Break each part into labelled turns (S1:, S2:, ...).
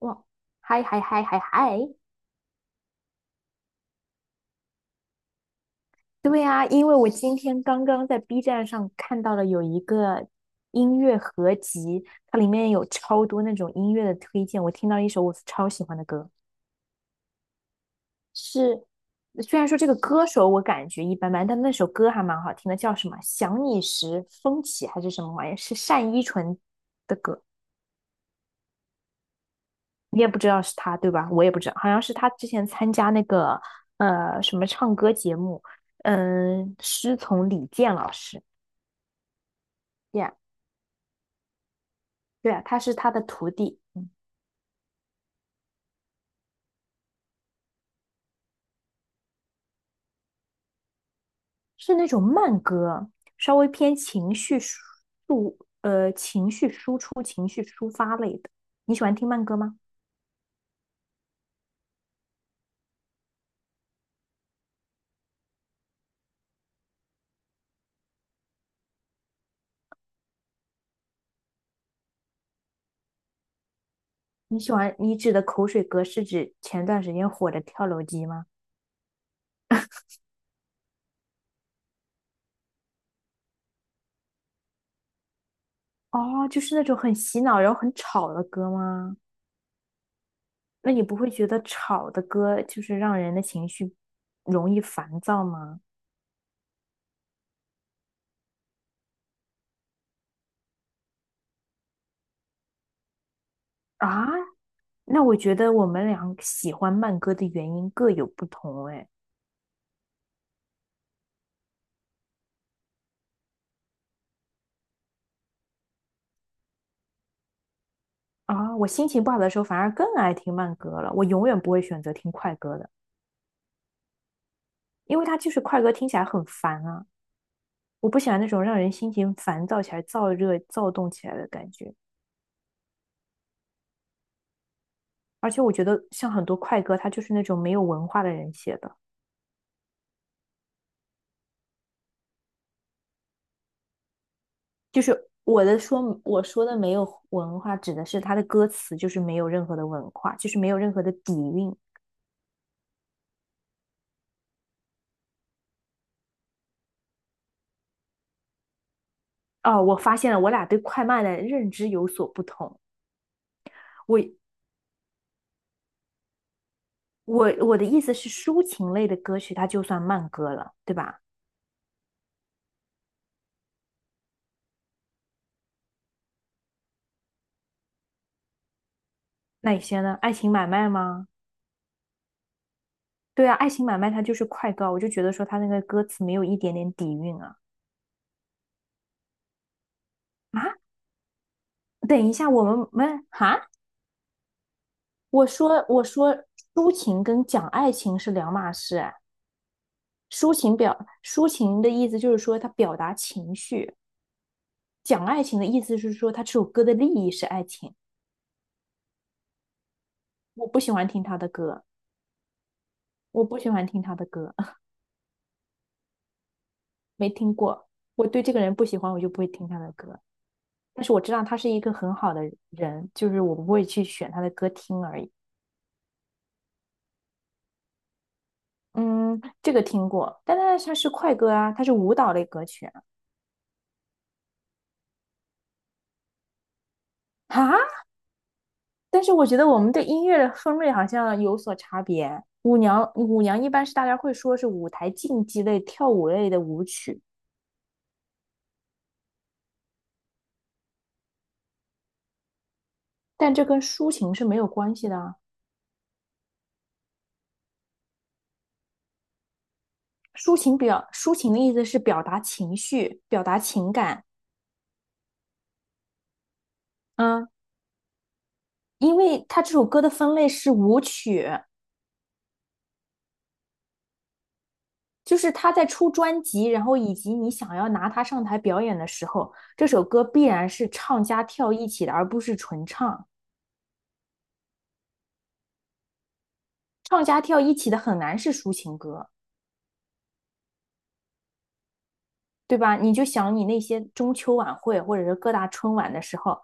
S1: 哇，嗨嗨嗨嗨嗨！对呀，因为我今天刚刚在 B 站上看到了有一个音乐合集，它里面有超多那种音乐的推荐。我听到一首我超喜欢的歌，是。虽然说这个歌手我感觉一般般，但那首歌还蛮好听的，叫什么《想你时风起》还是什么玩意儿？是单依纯的歌。你也不知道是他，对吧？我也不知道，好像是他之前参加那个什么唱歌节目，嗯，师从李健老师，Yeah，对啊，他是他的徒弟，是那种慢歌，稍微偏情绪输出、情绪抒发类的。你喜欢听慢歌吗？你喜欢你指的口水歌是指前段时间火的跳楼机吗？哦，就是那种很洗脑然后很吵的歌吗？那你不会觉得吵的歌就是让人的情绪容易烦躁吗？啊，那我觉得我们俩喜欢慢歌的原因各有不同哎。啊，我心情不好的时候反而更爱听慢歌了，我永远不会选择听快歌的，因为它就是快歌听起来很烦啊，我不喜欢那种让人心情烦躁起来、燥热、躁动起来的感觉。而且我觉得像很多快歌，它就是那种没有文化的人写的。就是我说的没有文化，指的是他的歌词就是没有任何的文化，就是没有任何的底蕴。哦，我发现了，我俩对快慢的认知有所不同。我我的意思是，抒情类的歌曲它就算慢歌了，对吧？那有些呢？爱情买卖吗？对啊，爱情买卖它就是快歌，我就觉得说它那个歌词没有一点点底蕴啊啊！等一下，我们没哈，我说抒情跟讲爱情是两码事，抒情的意思就是说他表达情绪，讲爱情的意思是说他这首歌的立意是爱情。我不喜欢听他的歌，我不喜欢听他的歌，没听过。我对这个人不喜欢，我就不会听他的歌。但是我知道他是一个很好的人，就是我不会去选他的歌听而已。嗯，这个听过，但是它是快歌啊，他是舞蹈类歌曲啊。啊，但是我觉得我们对音乐的分类好像有所差别。舞娘一般是大家会说是舞台竞技类、跳舞类的舞曲，但这跟抒情是没有关系的啊。抒情的意思是表达情绪、表达情感。嗯，因为它这首歌的分类是舞曲，就是他在出专辑，然后以及你想要拿它上台表演的时候，这首歌必然是唱加跳一起的，而不是纯唱。唱加跳一起的很难是抒情歌。对吧？你就想你那些中秋晚会或者是各大春晚的时候，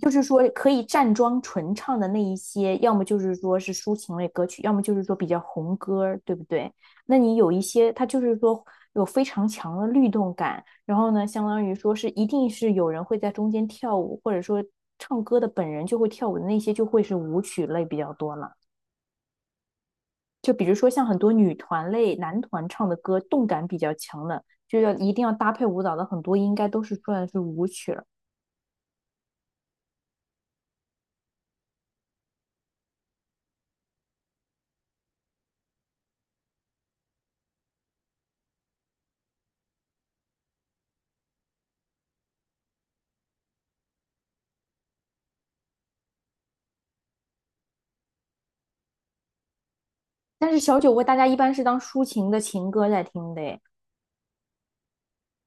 S1: 就是说可以站桩纯唱的那一些，要么就是说是抒情类歌曲，要么就是说比较红歌对不对？那你有一些，它就是说有非常强的律动感，然后呢，相当于说是一定是有人会在中间跳舞，或者说唱歌的本人就会跳舞的那些，就会是舞曲类比较多了。就比如说像很多女团类、男团唱的歌，动感比较强的，就要一定要搭配舞蹈的，很多应该都是算是舞曲了。但是小酒窝大家一般是当抒情的情歌在听的耶。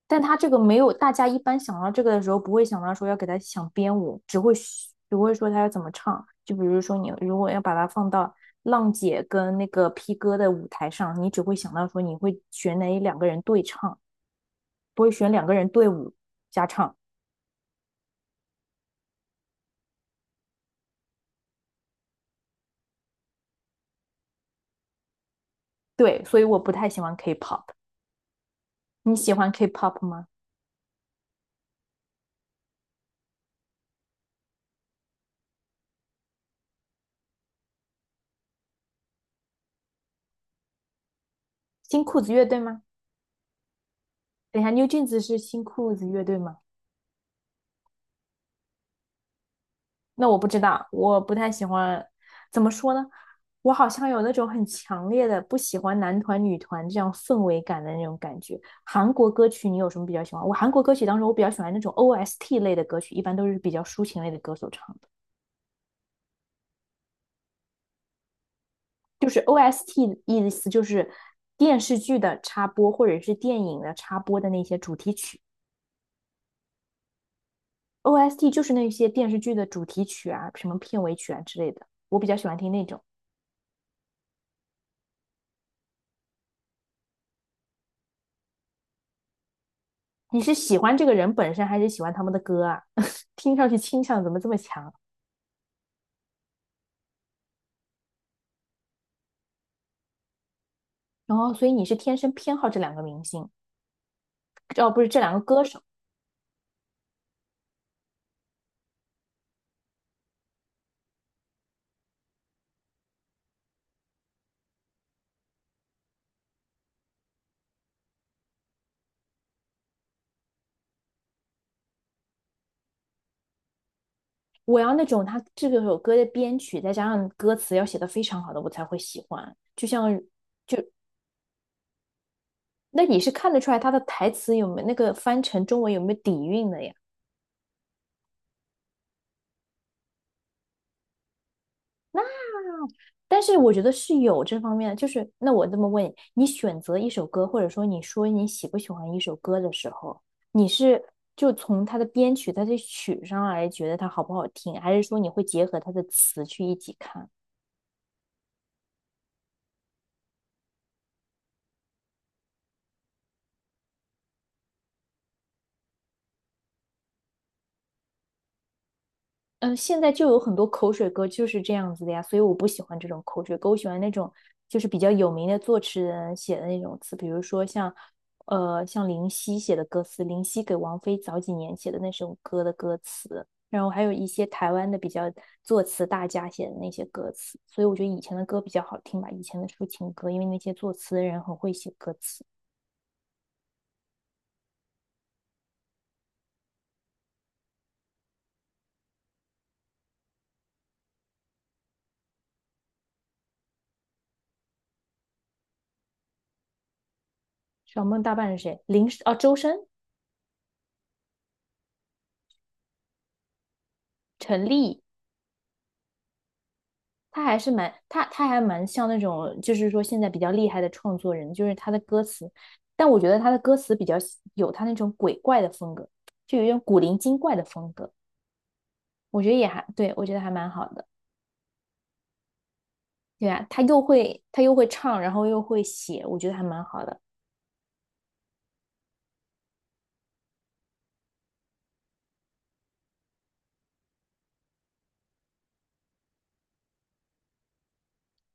S1: 但他这个没有，大家一般想到这个的时候，不会想到说要给他想编舞，只会说他要怎么唱。就比如说你如果要把它放到浪姐跟那个 P 哥的舞台上，你只会想到说你会选哪两个人对唱，不会选两个人对舞加唱。对，所以我不太喜欢 K-pop。你喜欢 K-pop 吗？新裤子乐队吗？等一下，New Jeans 是新裤子乐队吗？那我不知道，我不太喜欢。怎么说呢？我好像有那种很强烈的不喜欢男团、女团这样氛围感的那种感觉。韩国歌曲你有什么比较喜欢？我韩国歌曲当中我比较喜欢那种 OST 类的歌曲，一般都是比较抒情类的歌手唱的。就是 OST 意思就是电视剧的插播或者是电影的插播的那些主题曲。OST 就是那些电视剧的主题曲啊，什么片尾曲啊之类的，我比较喜欢听那种。你是喜欢这个人本身，还是喜欢他们的歌啊？听上去倾向怎么这么强？然后，所以你是天生偏好这两个明星，哦，不是这两个歌手。我要那种他这个首歌的编曲，再加上歌词要写的非常好的，我才会喜欢。就像，那你是看得出来他的台词有没有那个翻成中文有没有底蕴的呀？但是我觉得是有这方面的，就是那我这么问你，你选择一首歌，或者说你说你喜不喜欢一首歌的时候，你是就从它的编曲、它的曲上来觉得它好不好听，还是说你会结合它的词去一起看？嗯，现在就有很多口水歌就是这样子的呀，所以我不喜欢这种口水歌，我喜欢那种就是比较有名的作词人写的那种词，比如说像，像林夕写的歌词，林夕给王菲早几年写的那首歌的歌词，然后还有一些台湾的比较作词大家写的那些歌词，所以我觉得以前的歌比较好听吧，以前的抒情歌，因为那些作词的人很会写歌词。小梦大半是谁？哦，周深、陈粒。他还蛮像那种，就是说现在比较厉害的创作人，就是他的歌词，但我觉得他的歌词比较有他那种鬼怪的风格，就有一种古灵精怪的风格，我觉得也还对，我觉得还蛮好的。对啊，他又会唱，然后又会写，我觉得还蛮好的。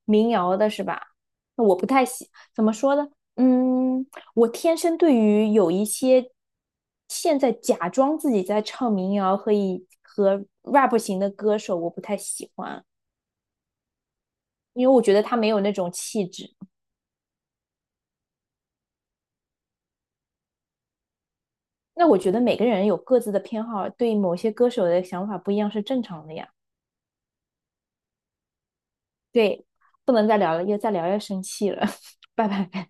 S1: 民谣的是吧？那我不太喜，怎么说呢？嗯，我天生对于有一些现在假装自己在唱民谣和 rap 型的歌手，我不太喜欢。因为我觉得他没有那种气质。那我觉得每个人有各自的偏好，对某些歌手的想法不一样是正常的呀。对，不能再聊了，又再聊要生气了，拜拜。